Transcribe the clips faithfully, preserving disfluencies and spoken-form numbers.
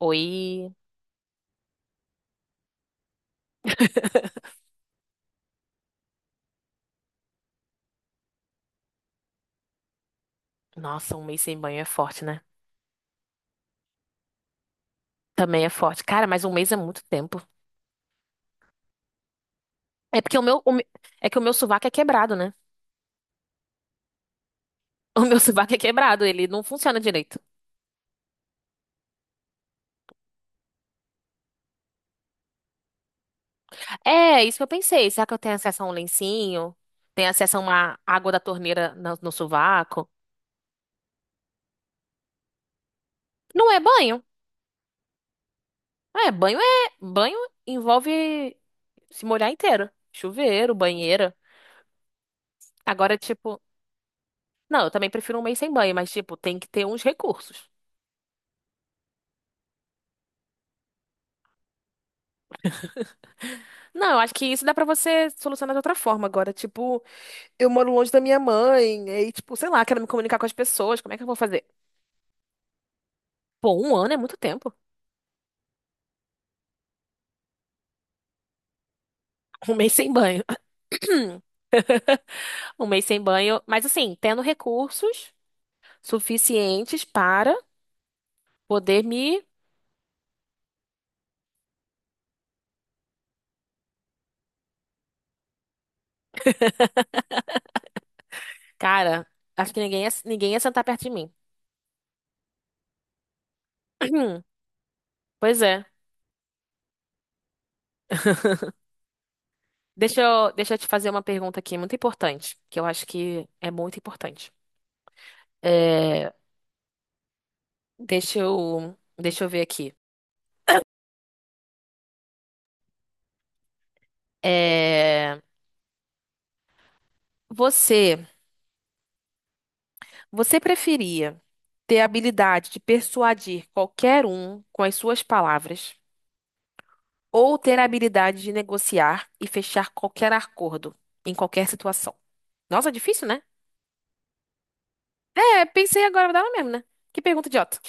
Oi. Nossa, um mês sem banho é forte, né? Também é forte. Cara, mas um mês é muito tempo. É porque o meu, o me- é que o meu sovaco é quebrado, né? O meu sovaco é quebrado, ele não funciona direito. É, é isso que eu pensei. Será que eu tenho acesso a um lencinho? Tenho acesso a uma água da torneira no, no sovaco? Não é banho. É, banho é. Banho envolve se molhar inteiro. Chuveiro, banheira. Agora, tipo. Não, eu também prefiro um mês sem banho, mas, tipo, tem que ter uns recursos. Não, eu acho que isso dá pra você solucionar de outra forma agora. Tipo, eu moro longe da minha mãe, e tipo, sei lá, quero me comunicar com as pessoas, como é que eu vou fazer? Pô, um ano é muito tempo. Um mês sem banho. Um mês sem banho, mas assim, tendo recursos suficientes para poder me. Cara, acho que ninguém ia, ninguém ia sentar perto de mim. Pois é. Deixa eu, deixa eu te fazer uma pergunta aqui muito importante, que eu acho que é muito importante. É, deixa eu, deixa eu ver aqui. É, Você, você preferia ter a habilidade de persuadir qualquer um com as suas palavras ou ter a habilidade de negociar e fechar qualquer acordo em qualquer situação? Nossa, difícil, né? É, pensei agora dela mesmo, né? Que pergunta idiota.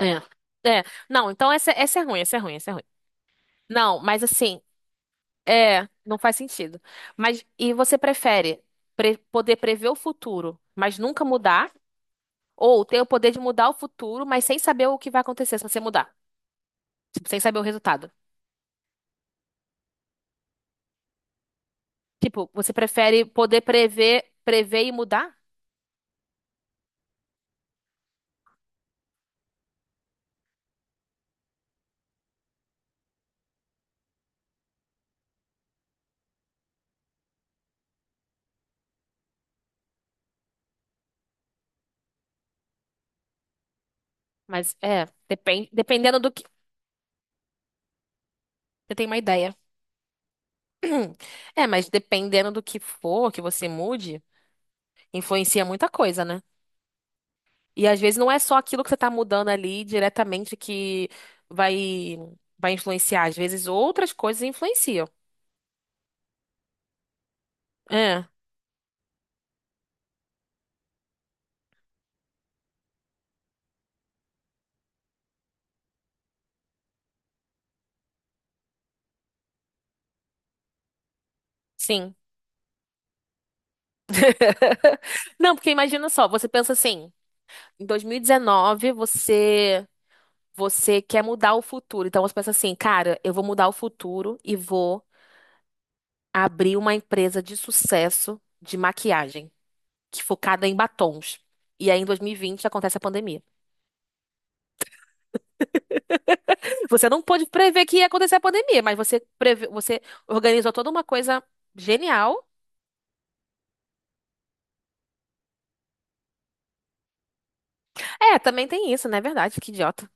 É, é. Não, então essa, essa é ruim, essa é ruim, essa é ruim. Não, mas assim, é, não faz sentido. Mas e você prefere pre- poder prever o futuro, mas nunca mudar? Ou ter o poder de mudar o futuro, mas sem saber o que vai acontecer se você mudar? Tipo, sem saber o resultado. Tipo, você prefere poder prever, prever e mudar? Mas é, depen- dependendo do que. Você tem uma ideia. É, mas dependendo do que for que você mude, influencia muita coisa, né? E às vezes não é só aquilo que você tá mudando ali diretamente que vai, vai influenciar. Às vezes outras coisas influenciam. É, sim. Não, porque imagina só, você pensa assim, em dois mil e dezenove você você quer mudar o futuro. Então você pensa assim, cara, eu vou mudar o futuro e vou abrir uma empresa de sucesso de maquiagem, que focada em batons. E aí em dois mil e vinte acontece a pandemia. Você não pôde prever que ia acontecer a pandemia, mas você preve... você organizou toda uma coisa genial. É, também tem isso, né? É verdade, que idiota.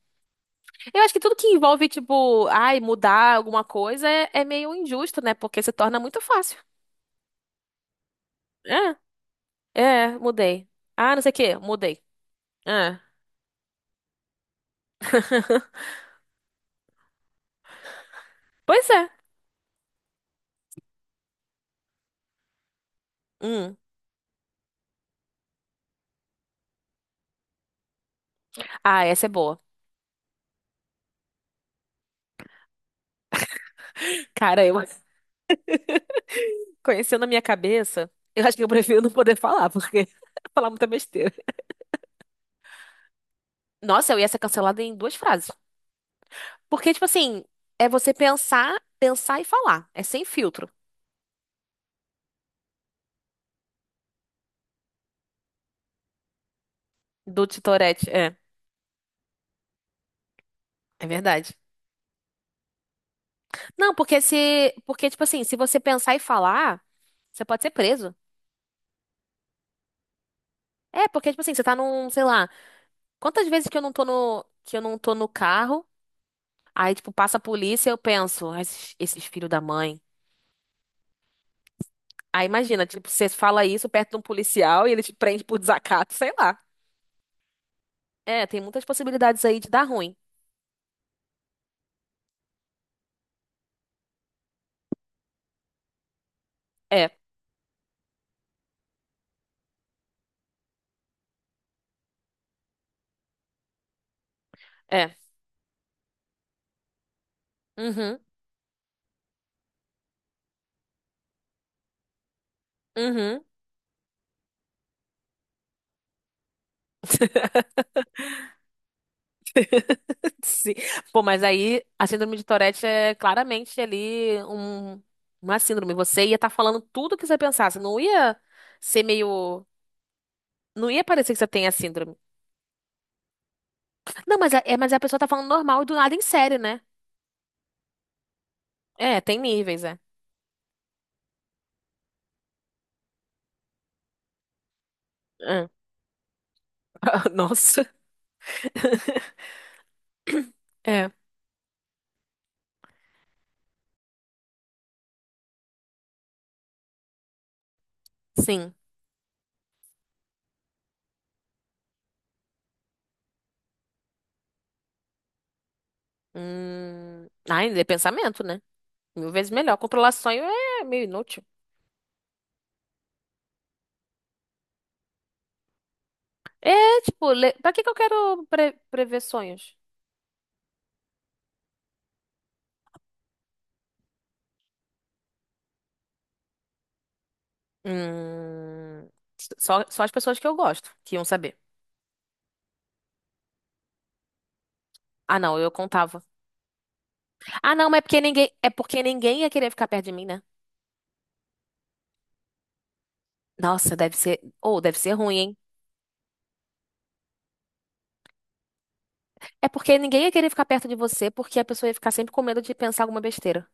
Eu acho que tudo que envolve, tipo, ai, mudar alguma coisa é, é meio injusto, né? Porque se torna muito fácil. É, é, mudei. Ah, não sei o quê, mudei. É. Pois é. Hum. Ah, essa é boa. Cara, eu conhecendo a minha cabeça, eu acho que eu prefiro não poder falar, porque falar muita besteira. Nossa, eu ia ser cancelada em duas frases. Porque, tipo assim, é você pensar, pensar e falar. É sem filtro. Do Titorete, é. É verdade. Não, porque se. Porque, tipo assim, se você pensar e falar, você pode ser preso. É, porque, tipo assim, você tá num, sei lá, quantas vezes que eu não tô no, que eu não tô no carro, aí, tipo, passa a polícia, eu penso, "Ah, esses, esses filhos da mãe. Aí imagina, tipo, você fala isso perto de um policial e ele te prende por desacato, sei lá. É, tem muitas possibilidades aí de dar ruim. É, é. Uhum, uhum. Sim. Pô, mas aí a síndrome de Tourette é claramente ali um, uma síndrome. Você ia estar falando tudo o que você pensasse. Não ia ser meio. Não ia parecer que você tem a síndrome. Não, mas a, é, mas a pessoa tá falando normal e do nada em sério, né? É, tem níveis, é. É. Nossa. É, sim. Hum... Ah, ainda é pensamento, né? Mil vezes melhor. Controlar sonho é meio inútil. É, tipo, le... pra que que eu quero pre- prever sonhos? Hum... Só, só as pessoas que eu gosto que iam saber. Ah, não, eu contava. Ah, não, mas é porque ninguém, é porque ninguém ia querer ficar perto de mim, né? Nossa, deve ser, ou deve ser ruim, hein? É porque ninguém ia querer ficar perto de você porque a pessoa ia ficar sempre com medo de pensar alguma besteira.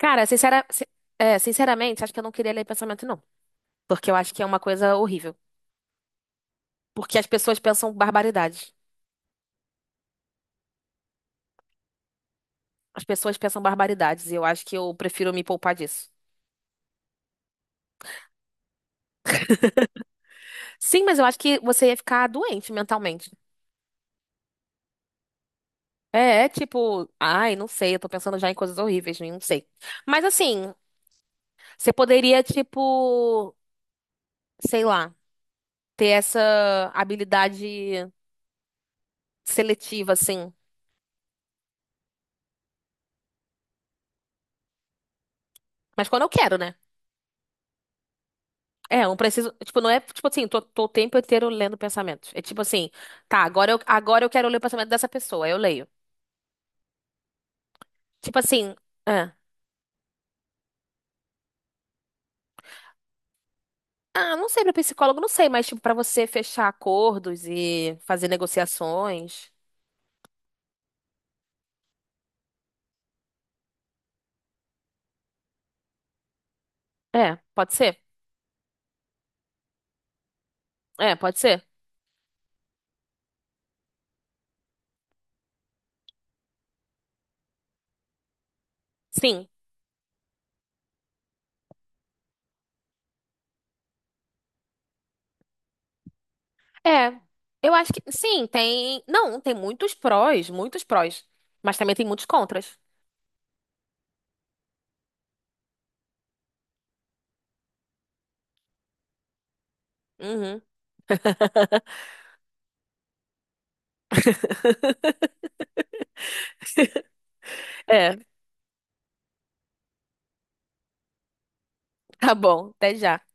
Cara, sincera... si- é, sinceramente, acho que eu não queria ler pensamento, não. Porque eu acho que é uma coisa horrível. Porque as pessoas pensam barbaridades. As pessoas pensam barbaridades e eu acho que eu prefiro me poupar disso. Sim, mas eu acho que você ia ficar doente mentalmente. É, é tipo, ai, não sei, eu tô pensando já em coisas horríveis, não sei. Mas assim, você poderia, tipo, sei lá, ter essa habilidade seletiva, assim. Mas quando eu quero, né? É, eu não preciso. Tipo, não é tipo assim, tô, tô o tempo inteiro lendo pensamentos. É tipo assim, tá, agora eu, agora eu quero ler o pensamento dessa pessoa, aí eu leio. Tipo assim, é. Ah, não sei, pra psicólogo, não sei, mas tipo, pra você fechar acordos e fazer negociações. É, pode ser? É, pode ser? Sim. É, eu acho que sim, tem. Não, tem muitos prós, muitos prós. Mas também tem muitos contras. Uhum. É, tá bom, até já.